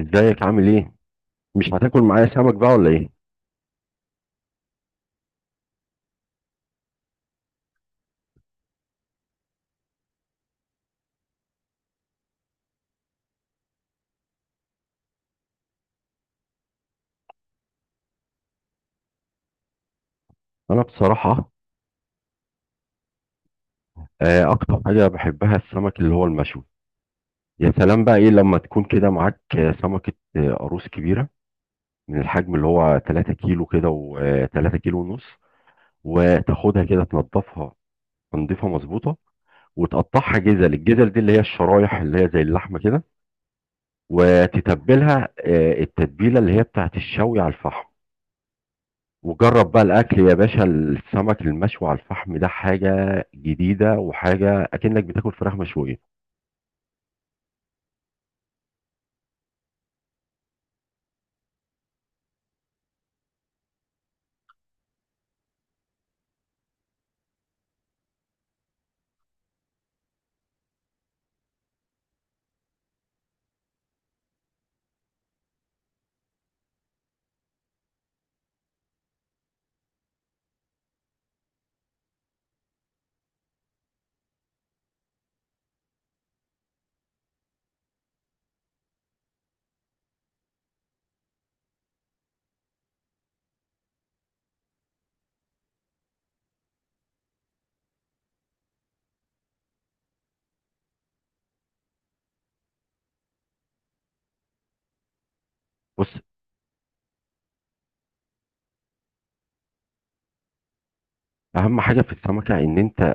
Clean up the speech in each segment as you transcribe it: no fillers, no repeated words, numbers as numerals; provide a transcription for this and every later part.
ازيك؟ عامل ايه؟ مش هتاكل معايا سمك بقى ولا ايه؟ انا بصراحه، اكتر حاجه بحبها السمك اللي هو المشوي. يا سلام! بقى ايه لما تكون كده معاك سمكه قاروص كبيره، من الحجم اللي هو 3 كيلو كده و3 كيلو ونص. وتاخدها كده، تنضفها تنضيفها مظبوطه، وتقطعها جزل. الجزل دي اللي هي الشرايح اللي هي زي اللحمه كده. وتتبلها التتبيله اللي هي بتاعت الشوي على الفحم. وجرب بقى الاكل يا باشا، السمك المشوي على الفحم ده حاجه جديده، وحاجه اكنك بتاكل فراخ مشويه. بص، اهم حاجه في السمكه ان انت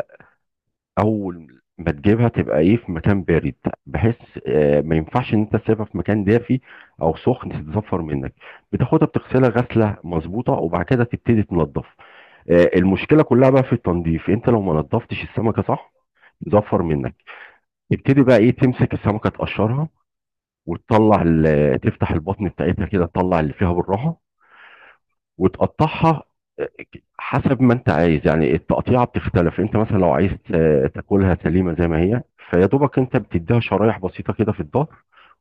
اول ما تجيبها تبقى ايه في مكان بارد، بحيث ما ينفعش ان انت تسيبها في مكان دافي او سخن، تتزفر منك. بتاخدها بتغسلها غسله مظبوطه، وبعد كده تبتدي تنضف. المشكله كلها بقى في التنظيف. انت لو ما نضفتش السمكه صح، تزفر منك. تبتدي بقى ايه تمسك السمكه تقشرها، تفتح البطن بتاعتها كده تطلع اللي فيها بالراحه، وتقطعها. آه، حسب ما انت عايز يعني، التقطيعه بتختلف. انت مثلا لو عايز تاكلها سليمه زي ما هي، فيا دوبك انت بتديها شرايح بسيطه كده في الظهر،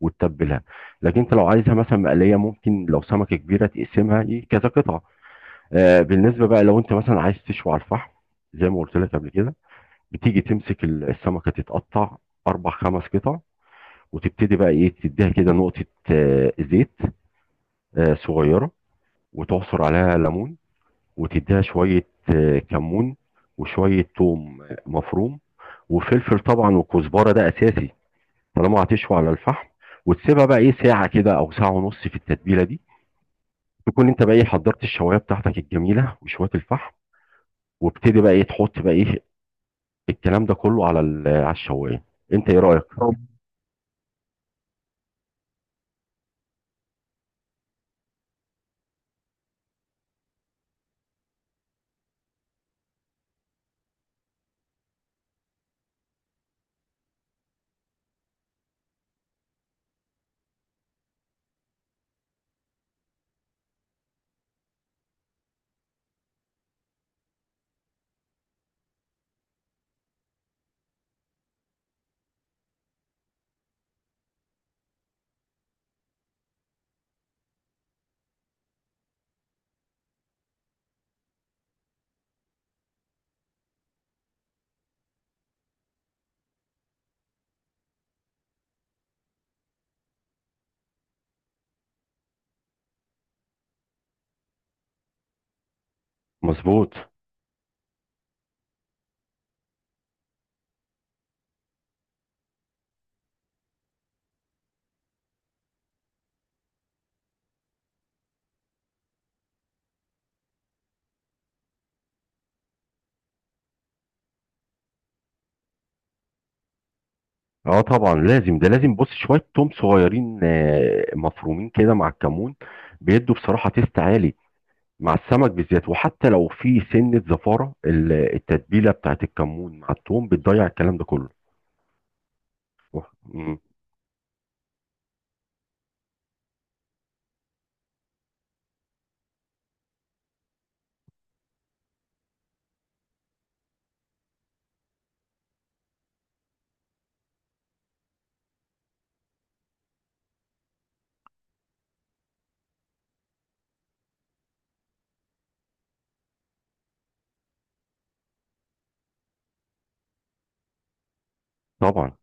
وتتبلها. لكن انت لو عايزها مثلا مقليه، ممكن لو سمكه كبيره تقسمها كذا قطعه. بالنسبه بقى لو انت مثلا عايز تشوي على الفحم، زي ما قلت لك قبل كده، بتيجي تمسك السمكه، تتقطع اربع خمس قطع. وتبتدي بقى ايه تديها كده نقطه زيت صغيرة، وتعصر عليها ليمون، وتديها شوية كمون، وشوية توم مفروم، وفلفل طبعا، وكزبرة ده أساسي، طالما هتشوي على الفحم. وتسيبها بقى إيه ساعة كده أو ساعة ونص في التتبيلة دي، تكون أنت بقى إيه حضرت الشواية بتاعتك الجميلة وشوية الفحم، وابتدي بقى إيه تحط بقى إيه الكلام ده كله على على الشواية. أنت إيه رأيك؟ طب. مظبوط. اه طبعا لازم، ده لازم. بص، شويه توم صغيرين مفرومين كده مع الكمون، بيدوا بصراحه تيست عالي مع السمك بالذات. وحتى لو في سنة زفارة، التتبيلة بتاعت الكمون مع الثوم بتضيع الكلام ده كله. وح- مم. طبعا.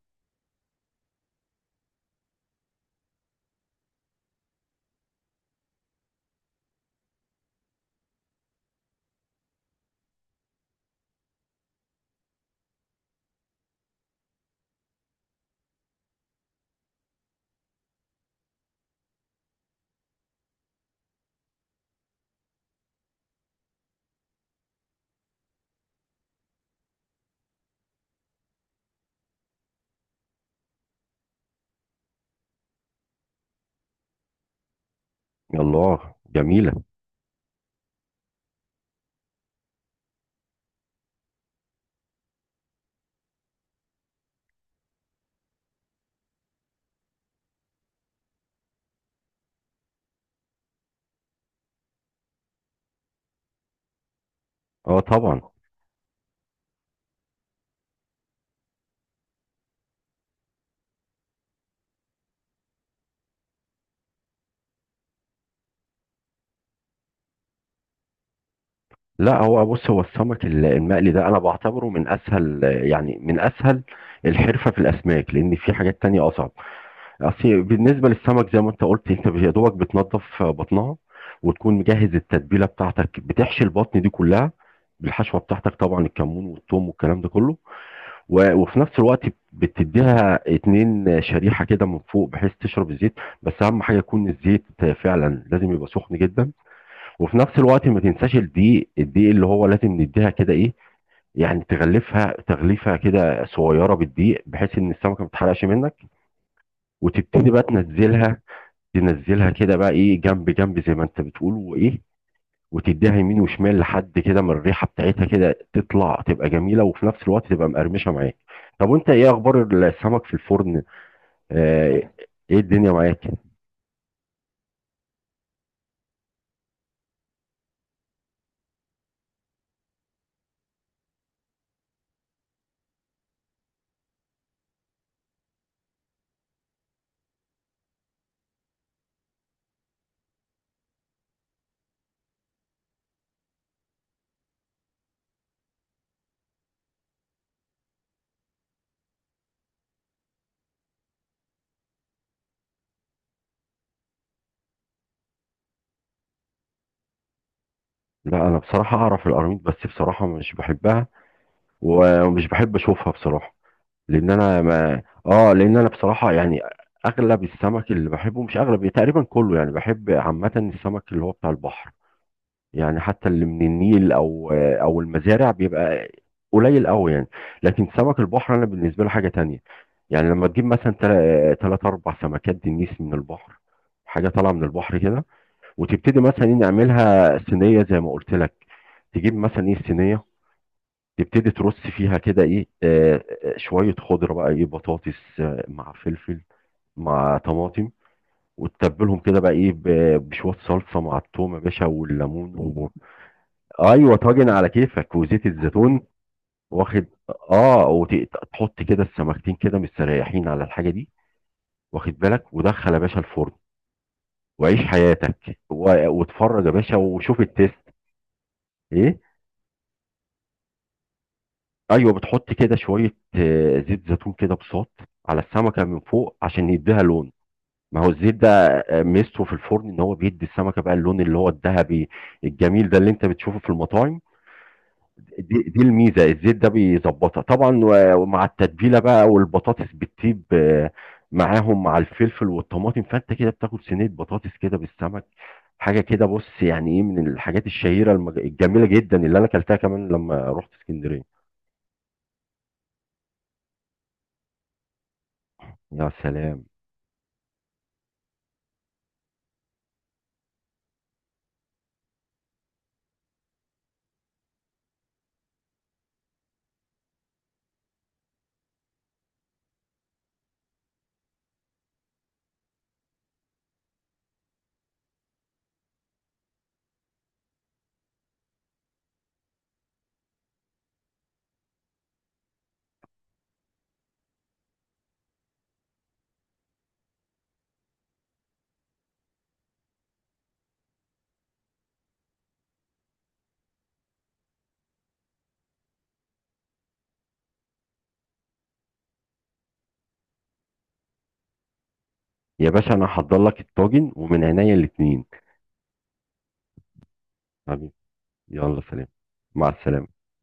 الله، جميلة. اه طبعا. لا، هو بص، هو السمك المقلي ده انا بعتبره من اسهل، يعني من اسهل الحرفة في الاسماك، لان في حاجات تانية اصعب. اصل بالنسبة للسمك، زي ما انت قلت، انت يا دوبك بتنضف بطنها، وتكون مجهز التتبيلة بتاعتك، بتحشي البطن دي كلها بالحشوة بتاعتك، طبعا الكمون والثوم والكلام ده كله. وفي نفس الوقت بتديها اتنين شريحه كده من فوق بحيث تشرب الزيت. بس اهم حاجه يكون الزيت فعلا، لازم يبقى سخن جدا. وفي نفس الوقت ما تنساش الدقيق، الدقيق اللي هو لازم نديها كده ايه، يعني تغلفها تغليفه كده صغيره بالدقيق، بحيث ان السمكه ما تتحرقش منك. وتبتدي بقى تنزلها، تنزلها كده بقى ايه جنب جنب، زي ما انت بتقول، وايه، وتديها يمين وشمال، لحد كده من الريحه بتاعتها كده تطلع تبقى جميله، وفي نفس الوقت تبقى مقرمشه معاك. طب، وانت ايه اخبار السمك في الفرن؟ آه. ايه الدنيا معاك؟ لا، انا بصراحه اعرف القراميط، بس بصراحه مش بحبها. ومش بحب اشوفها بصراحه. لان انا ما اه لان انا بصراحه يعني، اغلب السمك اللي بحبه، مش اغلب، تقريبا كله يعني، بحب عامه السمك اللي هو بتاع البحر، يعني حتى اللي من النيل او المزارع بيبقى قليل قوي يعني. لكن سمك البحر، انا بالنسبه له حاجه تانية. يعني لما تجيب مثلا ثلاث اربع سمكات دنيس من البحر، حاجه طالعه من البحر كده، وتبتدي مثلا إيه نعملها صينيه زي ما قلت لك. تجيب مثلا ايه الصينيه، تبتدي ترص فيها كده ايه شويه خضره بقى ايه، بطاطس مع فلفل، مع طماطم، وتتبلهم كده بقى ايه بشويه صلصه مع التوم يا باشا والليمون. ايوه، طاجن على كيفك وزيت الزيتون. واخد. اه، وتحط كده السمكتين كده مستريحين على الحاجه دي، واخد بالك، ودخل يا باشا الفرن، وعيش حياتك، واتفرج يا باشا وشوف التيست. ايه. ايوه، بتحط كده شويه زيت زيتون كده بساط على السمكه من فوق عشان يديها لون. ما هو الزيت ده ميزته في الفرن ان هو بيدي السمكه بقى اللون اللي هو الذهبي الجميل ده اللي انت بتشوفه في المطاعم. دي الميزه، الزيت ده بيظبطها طبعا، ومع التتبيله بقى والبطاطس بتطيب معاهم مع الفلفل والطماطم، فانت كده بتاكل صينيه بطاطس كده بالسمك. حاجه كده بص يعني ايه، من الحاجات الشهيره الجميله جدا اللي انا اكلتها كمان لما رحت اسكندريه. يا سلام. يا باشا، انا هحضر لك الطاجن ومن عينيا الاتنين. حبيبي. يلا سلام. مع السلامه.